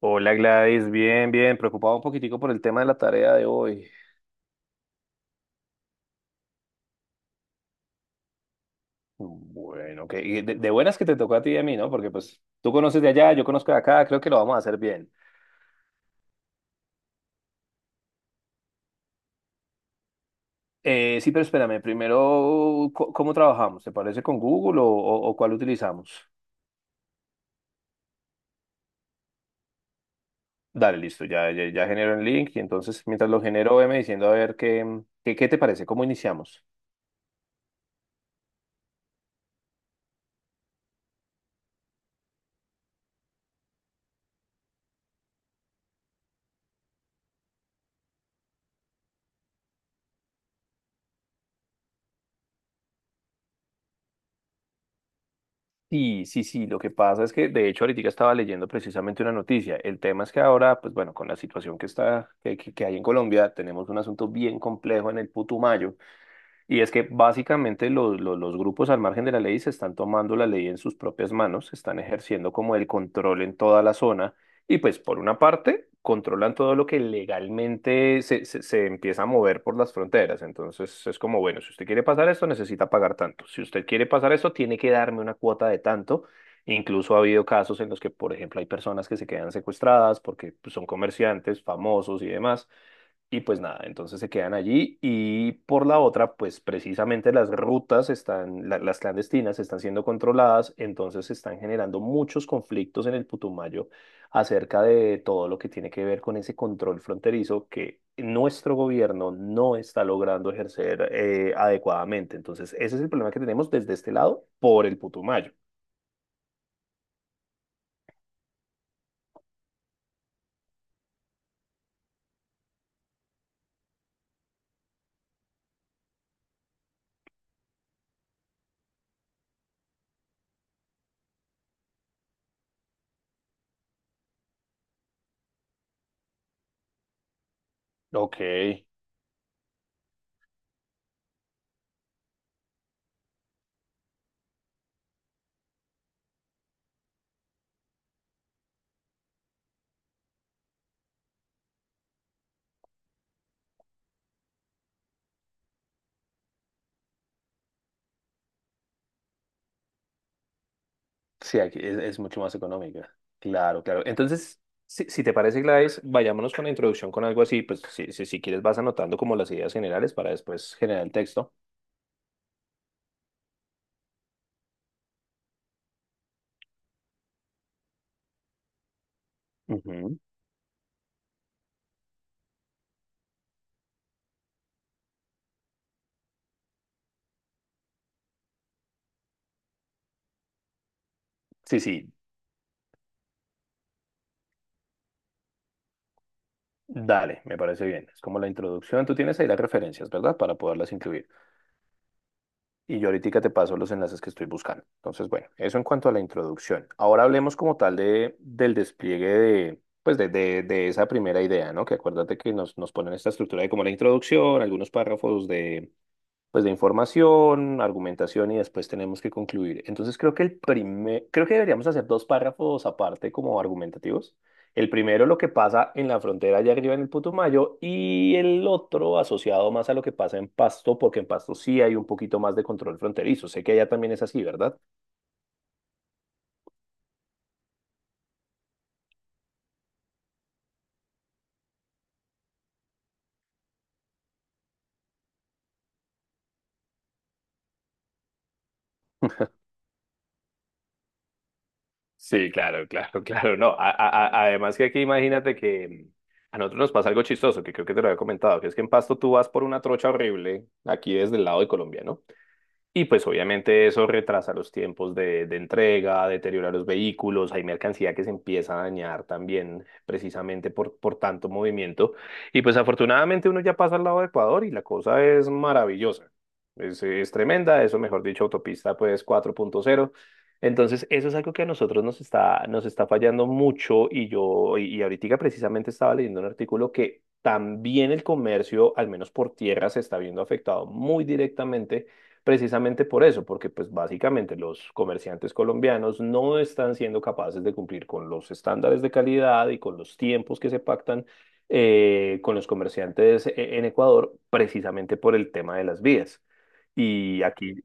Hola Gladys, bien, bien, preocupado un poquitico por el tema de la tarea de hoy. Bueno, que y de buenas que te tocó a ti y a mí, ¿no? Porque pues tú conoces de allá, yo conozco de acá, creo que lo vamos a hacer bien. Sí, pero espérame, primero, ¿cómo trabajamos? ¿Te parece con Google o cuál utilizamos? Dale, listo, ya, ya, ya genero el link y entonces mientras lo genero, veme diciendo a ver qué te parece, cómo iniciamos. Sí, sí, sí, lo que pasa es que de hecho ahorita estaba leyendo precisamente una noticia. El tema es que ahora, pues bueno, con la situación que está, que hay en Colombia, tenemos un asunto bien complejo en el Putumayo, y es que básicamente los grupos al margen de la ley se están tomando la ley en sus propias manos, están ejerciendo como el control en toda la zona y pues por una parte controlan todo lo que legalmente se empieza a mover por las fronteras. Entonces es como, bueno, si usted quiere pasar esto necesita pagar tanto, si usted quiere pasar esto tiene que darme una cuota de tanto. Incluso ha habido casos en los que, por ejemplo, hay personas que se quedan secuestradas porque pues, son comerciantes famosos y demás y pues nada, entonces se quedan allí y por la otra, pues precisamente las rutas están, la- las clandestinas están siendo controladas, entonces se están generando muchos conflictos en el Putumayo acerca de todo lo que tiene que ver con ese control fronterizo que nuestro gobierno no está logrando ejercer adecuadamente. Entonces, ese es el problema que tenemos desde este lado por el Putumayo. Ok. Sí, aquí es mucho más económica. Claro, claro. Entonces, si te parece, Gladys, vayámonos con la introducción con algo así. Pues si, si quieres vas anotando como las ideas generales para después generar el texto. Ujú. Sí, sí, dale, me parece bien. Es como la introducción. Tú tienes ahí las referencias, ¿verdad? Para poderlas incluir. Y yo ahorita te paso los enlaces que estoy buscando. Entonces, bueno, eso en cuanto a la introducción. Ahora hablemos como tal del despliegue de... Pues de esa primera idea, ¿no? Que acuérdate que nos ponen esta estructura de como la introducción, algunos párrafos de, pues de información, argumentación y después tenemos que concluir. Entonces creo que el primer, creo que deberíamos hacer dos párrafos aparte como argumentativos. El primero lo que pasa en la frontera allá arriba en el Putumayo y el otro asociado más a lo que pasa en Pasto, porque en Pasto sí hay un poquito más de control fronterizo. Sé que allá también es así, ¿verdad? Sí, claro, claro, claro. No, a- además que aquí imagínate que a nosotros nos pasa algo chistoso, que creo que te lo había comentado, que es que en Pasto tú vas por una trocha horrible, aquí desde el lado de Colombia, ¿no? Y pues obviamente eso retrasa los tiempos de entrega, deteriora los vehículos, hay mercancía que se empieza a dañar también precisamente por tanto movimiento. Y pues afortunadamente uno ya pasa al lado de Ecuador y la cosa es maravillosa. Es tremenda, eso mejor dicho, autopista pues cuatro punto cero. Entonces eso es algo que a nosotros nos está fallando mucho y y ahorita precisamente estaba leyendo un artículo que también el comercio, al menos por tierra, se está viendo afectado muy directamente precisamente por eso, porque pues básicamente los comerciantes colombianos no están siendo capaces de cumplir con los estándares de calidad y con los tiempos que se pactan con los comerciantes en Ecuador, precisamente por el tema de las vías. Y aquí,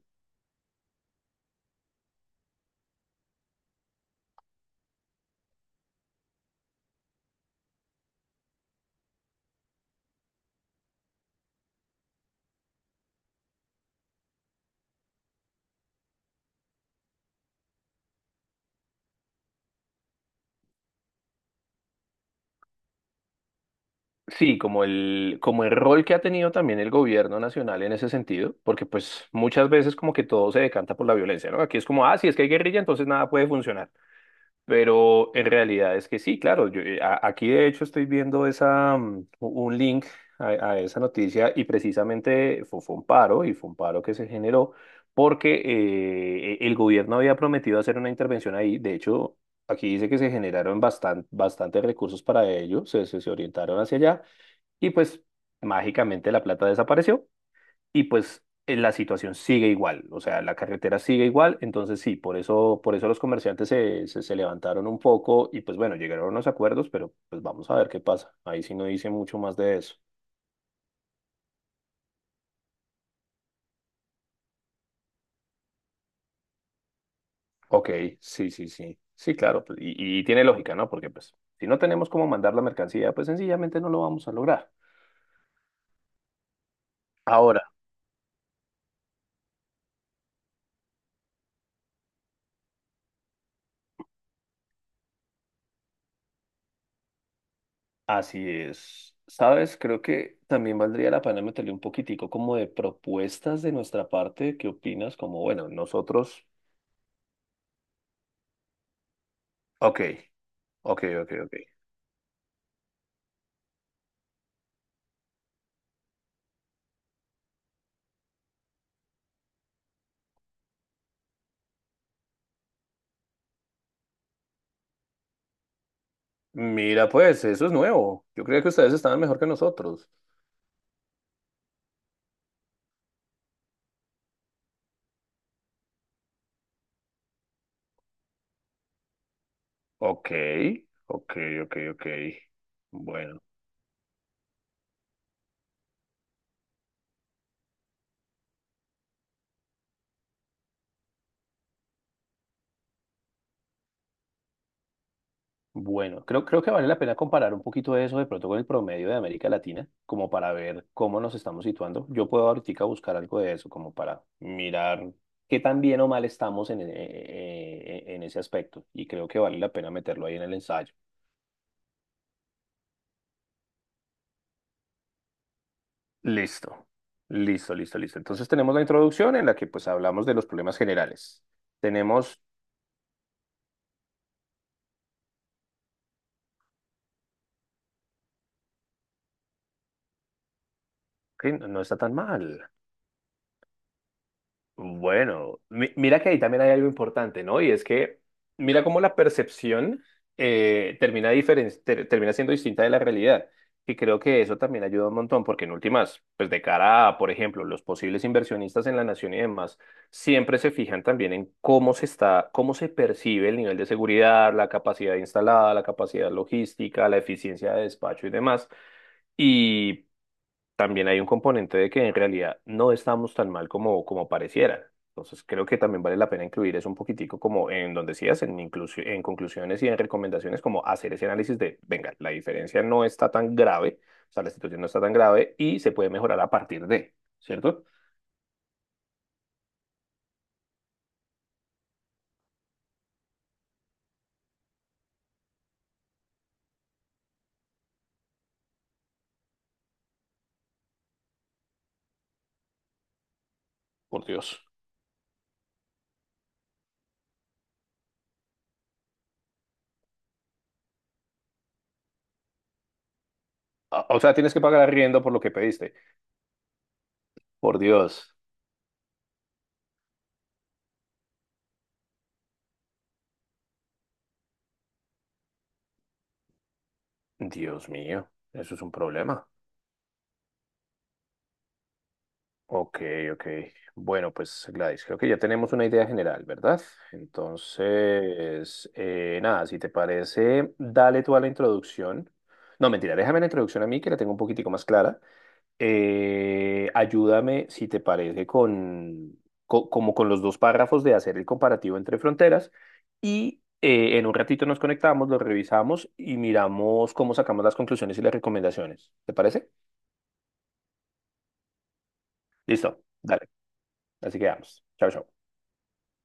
sí, como el rol que ha tenido también el gobierno nacional en ese sentido, porque pues muchas veces como que todo se decanta por la violencia, ¿no? Aquí es como, ah, si es que hay guerrilla, entonces nada puede funcionar. Pero en realidad es que sí, claro, aquí de hecho estoy viendo un link a, a esa noticia y precisamente fue, fue un paro y fue un paro que se generó porque el gobierno había prometido hacer una intervención ahí. De hecho, aquí dice que se generaron bastantes recursos para ello, se orientaron hacia allá y pues mágicamente la plata desapareció y pues la situación sigue igual, o sea, la carretera sigue igual, entonces sí, por eso los comerciantes se levantaron un poco y pues bueno, llegaron a unos acuerdos, pero pues vamos a ver qué pasa. Ahí sí no dice mucho más de eso. Ok, sí, sí, sí. Sí, claro, pues, y tiene lógica, ¿no? Porque pues si no tenemos cómo mandar la mercancía, pues sencillamente no lo vamos a lograr. Ahora, así es. Sabes, creo que también valdría la pena meterle un poquitico como de propuestas de nuestra parte. ¿Qué opinas? Como, bueno, nosotros, ok, ok, ok, ok. Mira, pues eso es nuevo. Yo creía que ustedes estaban mejor que nosotros. Ok, ok, ok, ok. Bueno, bueno, creo que vale la pena comparar un poquito eso de pronto con el promedio de América Latina, como para ver cómo nos estamos situando. Yo puedo ahorita buscar algo de eso, como para mirar qué tan bien o mal estamos en ese aspecto. Y creo que vale la pena meterlo ahí en el ensayo. Listo, listo, listo, listo. Entonces tenemos la introducción en la que pues hablamos de los problemas generales. Tenemos, que no está tan mal. Bueno, mira que ahí también hay algo importante, ¿no? Y es que mira cómo la percepción termina siendo distinta de la realidad. Y creo que eso también ayuda un montón, porque en últimas, pues de cara a, por ejemplo, los posibles inversionistas en la nación y demás, siempre se fijan también en cómo se está, cómo se percibe el nivel de seguridad, la capacidad instalada, la capacidad logística, la eficiencia de despacho y demás. Y también hay un componente de que en realidad no estamos tan mal como, como pareciera. Entonces creo que también vale la pena incluir eso un poquitico como en donde decías, en, en conclusiones y en recomendaciones, como hacer ese análisis de, venga, la diferencia no está tan grave, o sea, la situación no está tan grave y se puede mejorar a partir de, ¿cierto? Por Dios. Ah, o sea, tienes que pagar arriendo por lo que pediste. Por Dios. Dios mío, eso es un problema. Ok, ok. Bueno, pues Gladys, creo que ya tenemos una idea general, ¿verdad? Entonces, nada, si te parece, dale tú a la introducción. No, mentira, déjame la introducción a mí, que la tengo un poquitico más clara. Ayúdame, si te parece, con, como con los dos párrafos de hacer el comparativo entre fronteras y en un ratito nos conectamos, lo revisamos y miramos cómo sacamos las conclusiones y las recomendaciones. ¿Te parece? Listo, dale. Así que vamos. Chao, chao.